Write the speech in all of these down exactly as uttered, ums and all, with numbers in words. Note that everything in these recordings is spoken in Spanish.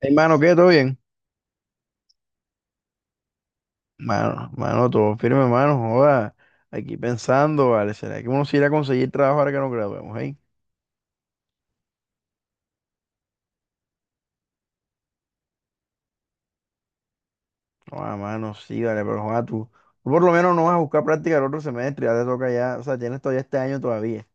Hey, mano, ¿qué? ¿Todo bien? Mano, mano, todo firme, mano, joda. Aquí pensando, vale, ¿será que uno sí irá a conseguir trabajo ahora que nos graduemos, hey? Joda, mano, sí, vale, pero joda, tú, tú por lo menos no vas a buscar práctica el otro semestre, ya te toca ya, o sea, tienes todavía este año todavía.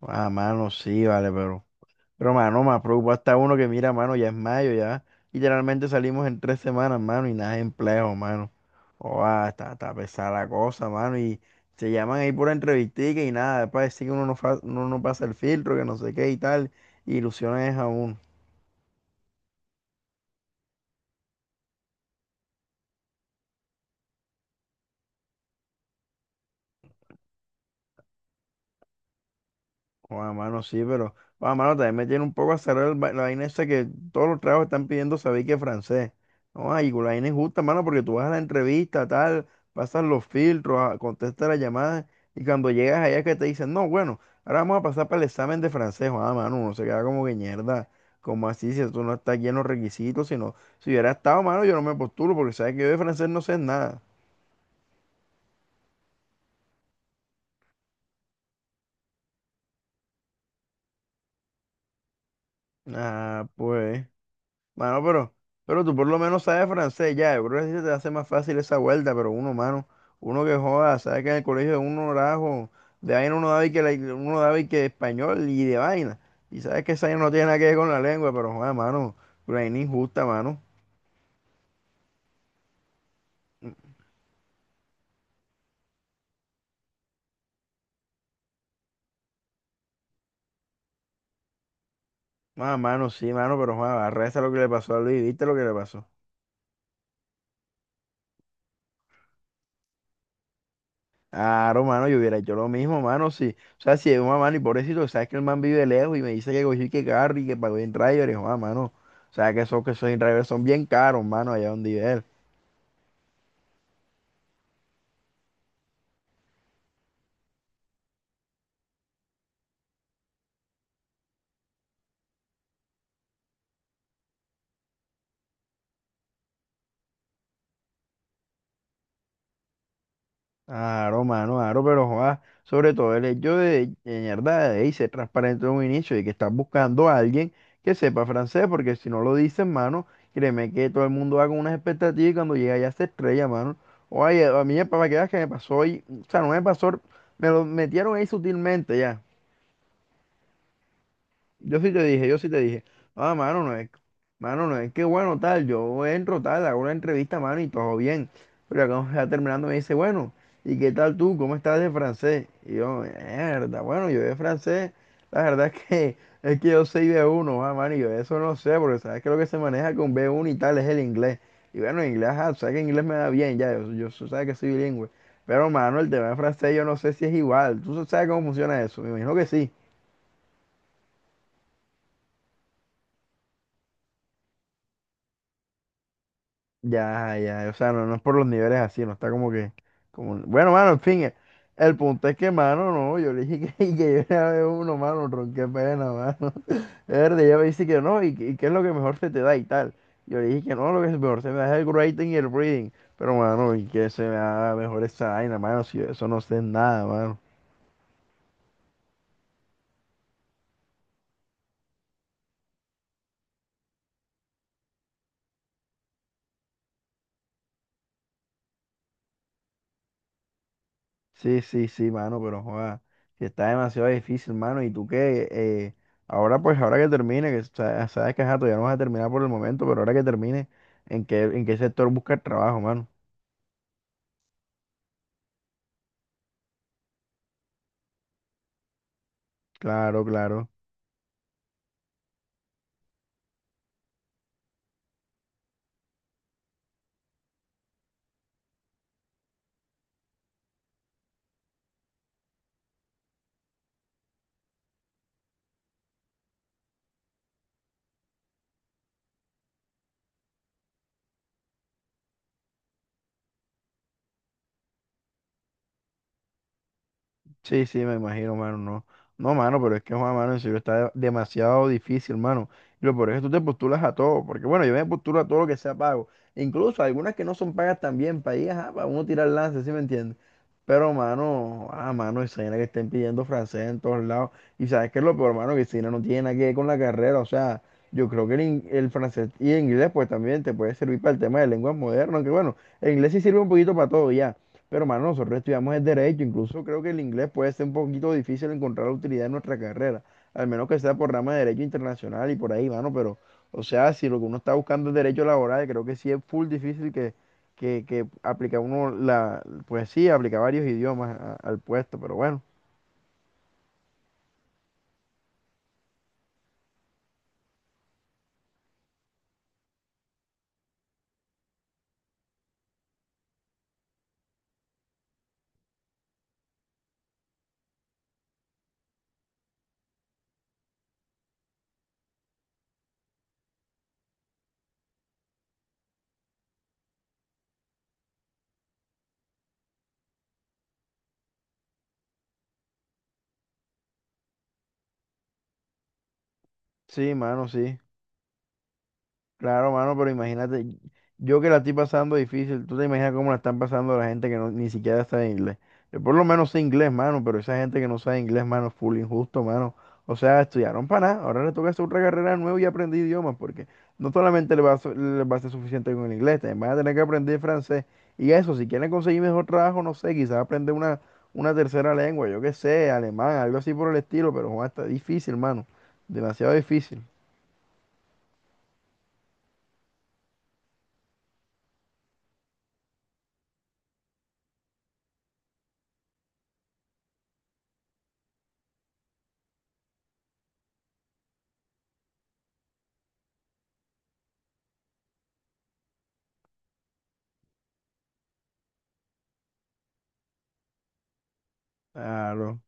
Joda, mano, sí, vale, pero, pero, mano, más preocupa está uno que mira, mano, ya es mayo, ya literalmente salimos en tres semanas, mano, y nada de empleo, mano. Oa, está, está pesada la cosa, mano. Y se llaman ahí pura entrevistica y nada. Después decir que uno no, fa- uno no pasa el filtro, que no sé qué y tal. Y ilusiones a uno. Bueno, mano, sí, pero, bueno, mano, también me tiene un poco azarado el va- la vaina esa que todos los trabajos están pidiendo saber que es francés. No, ay, la vaina es justa, mano, porque tú vas a la entrevista, tal, pasas los filtros, a- contestas las llamadas, y cuando llegas allá que te dicen, no, bueno, ahora vamos a pasar para el examen de francés. Ah, mano, uno se queda como que mierda, como así, si tú no estás aquí en los requisitos, sino, si hubiera estado, mano, yo no me postulo, porque sabes que yo de francés no sé nada. Ah, pues. Mano, pero, pero tú por lo menos sabes francés ya. Yo creo que así se te hace más fácil esa vuelta, pero uno, mano, uno que joda, sabe que en el colegio de uno rajo, de vaina uno daba y que, la- uno daba y que español y de vaina. Y sabes que esa vaina no tiene nada que ver con la lengua, pero joda, mano, una vaina injusta, mano. Ah, mano, sí, mano, pero joda, arresta lo que le pasó a Luis, ¿viste lo que le pasó? Claro, mano, yo hubiera hecho lo mismo, mano, sí. O sea, si es una mano y pobrecito, sabes que el man vive lejos y me dice que cogí que carro y que pagó en driver, y yo, ah, mano, o sea, que esos que esos en driver son bien caros, mano, allá donde vive él. Claro, mano, claro, pero joa, sobre todo el hecho de, de mierda, de ey, ser transparente en un inicio y que estás buscando a alguien que sepa francés, porque si no lo dices, mano, créeme que todo el mundo va con unas expectativas y cuando llega ya se estrella, mano. Oye, a mí, para que veas que me pasó hoy, o sea, no me pasó, me lo metieron ahí sutilmente ya. Yo sí te dije, yo sí te dije, ah, mano, no es, mano, no es que bueno, tal, yo entro, tal, hago una entrevista, mano, y todo bien. Pero ya cuando está terminando me dice, bueno, ¿y qué tal tú? ¿Cómo estás de francés? Y yo, mierda, bueno, yo de francés, la verdad es que, es que yo soy b uno ah, mano, y yo eso no sé, porque sabes que lo que se maneja con B uno y tal es el inglés. Y bueno, inglés, ah, sabes que inglés me da bien, ya, yo, yo so, sabes que soy bilingüe. Pero, mano, el tema de francés yo no sé si es igual. ¿Tú sabes cómo funciona eso? Me imagino que sí. Ya, ya, o sea, no, no es por los niveles así, no está como que, como, bueno, mano, en fin, eh, el punto es que, mano, no, yo le dije que, que yo era uno, mano, ron, qué pena, mano, verde, ella me dice que no, y, que- y qué es lo que mejor se te da y tal, yo le dije que no, lo que mejor se me da es el writing y el reading, pero, mano, y que se me da mejor esa vaina, mano, si de eso no sé nada, mano. Sí, sí, sí, mano, pero joda, sí está demasiado difícil, mano. Y tú que eh, ahora, pues, ahora que termine, que sa- sabes que ajá, todavía no vas a terminar por el momento, pero ahora que termine, ¿en qué, en qué sector buscas trabajo, mano? Claro, claro. Sí, sí, me imagino, mano, no. No, mano, pero es que, joda, mano, en serio está de- demasiado difícil, mano. Y lo peor es que tú te postulas a todo, porque bueno, yo me postulo a todo lo que sea pago. Incluso algunas que no son pagas también, para ahí, ajá, para uno tirar lance, ¿sí me entiendes? Pero, mano, ah, mano, esa vaina que estén pidiendo francés en todos lados. Y sabes qué es lo peor, mano, que si no no tiene nada que ver con la carrera. O sea, yo creo que el, in- el francés y el inglés, pues también te puede servir para el tema de lenguas modernas. Que bueno, el inglés sí sirve un poquito para todo ya. Pero, mano, nosotros estudiamos el derecho. Incluso creo que el inglés puede ser un poquito difícil encontrar la utilidad en nuestra carrera. Al menos que sea por rama de derecho internacional y por ahí, mano. Pero, o sea, si lo que uno está buscando es derecho laboral, creo que sí es full difícil que, que aplica uno la, pues sí, aplica varios idiomas a- al puesto, pero bueno, sí, mano, sí. Claro, mano, pero imagínate, yo que la estoy pasando difícil, tú te imaginas cómo la están pasando la gente que no, ni siquiera sabe inglés. Yo por lo menos sé inglés, mano, pero esa gente que no sabe inglés, mano, full injusto, mano. O sea, estudiaron para nada, ahora le toca hacer otra carrera nueva y aprender idiomas, porque no solamente les va a, so- les va a ser suficiente con el inglés, también van a tener que aprender francés. Y eso, si quieren conseguir mejor trabajo, no sé, quizás aprender una, una tercera lengua, yo qué sé, alemán, algo así por el estilo, pero joder, está difícil, mano, demasiado difícil. Claro.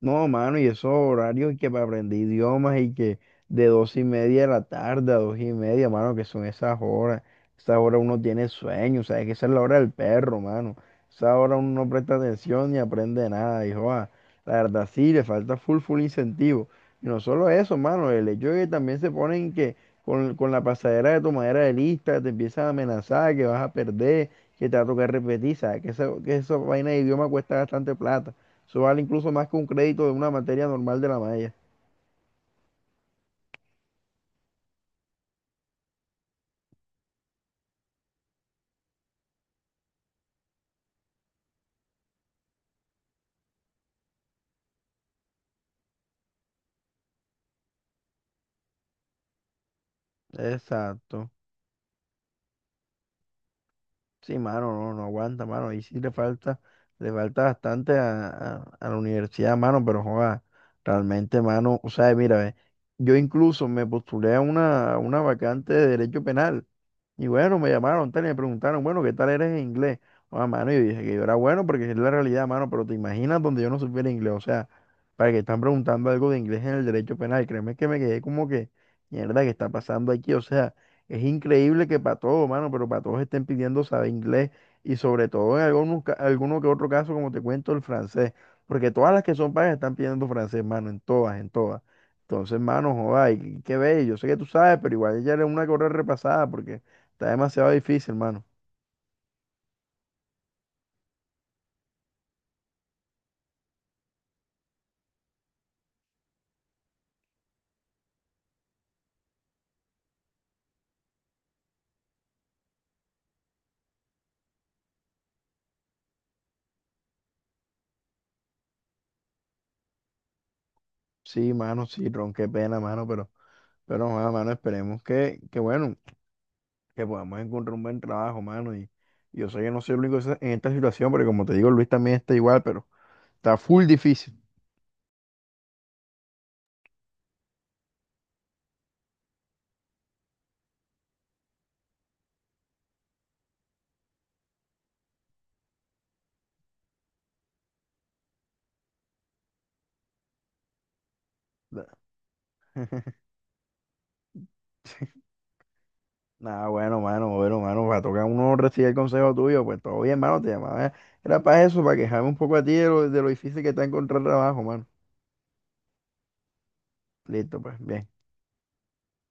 No, mano, y esos horarios y que para aprender idiomas y que de dos y media de la tarde a dos y media, mano, que son esas horas. Esa hora uno tiene sueño, sabes que esa es la hora del perro, mano. Esa hora uno no presta atención ni aprende nada, hijo. ah. La verdad sí, le falta full, full incentivo. Y no solo eso, mano, el hecho de que también se ponen que con, con la pasadera de tomadera de lista te empiezan a amenazar, que vas a perder, que te va a tocar repetir, sabes que esa, que esa vaina de idioma cuesta bastante plata. Eso vale incluso más que un crédito de una materia normal de la malla. Exacto. Sí, mano, no, no aguanta, mano. Ahí sí le falta, le falta bastante a, a- a la universidad, mano, pero joda, realmente, mano, o sea, mira, ve, yo incluso me postulé a una, a una vacante de derecho penal. Y bueno, me llamaron, tal, y me preguntaron, bueno, ¿qué tal eres en inglés? Ah, mano, y dije que yo era bueno porque es la realidad, mano, pero te imaginas donde yo no supiera inglés, o sea, para que están preguntando algo de inglés en el derecho penal, créeme que me quedé como que, mierda, ¿qué está pasando aquí? O sea, es increíble que para todo, mano, pero para todos estén pidiendo saber inglés y sobre todo en algunos, ca- alguno que otro caso, como te cuento, el francés, porque todas las que son pagas están pidiendo francés, mano, en todas, en todas. Entonces, mano, joda, y qué bello, yo sé que tú sabes, pero igual ya era una que repasada porque está demasiado difícil, mano. Sí, mano, sí, Ron, qué pena, mano, pero, pero, joda, mano, esperemos que, que, bueno, que podamos encontrar un buen trabajo, mano. Y, y yo sé que no soy el único esa- en esta situación, porque como te digo, Luis también está igual, pero está full difícil. Nada, bueno, mano, bueno, mano, va a tocar uno recibir el consejo tuyo, pues todo bien, mano, te llamaba. Era para eso, para quejarme un poco a ti de lo, de lo difícil que está encontrar trabajo, mano. Listo, pues, bien.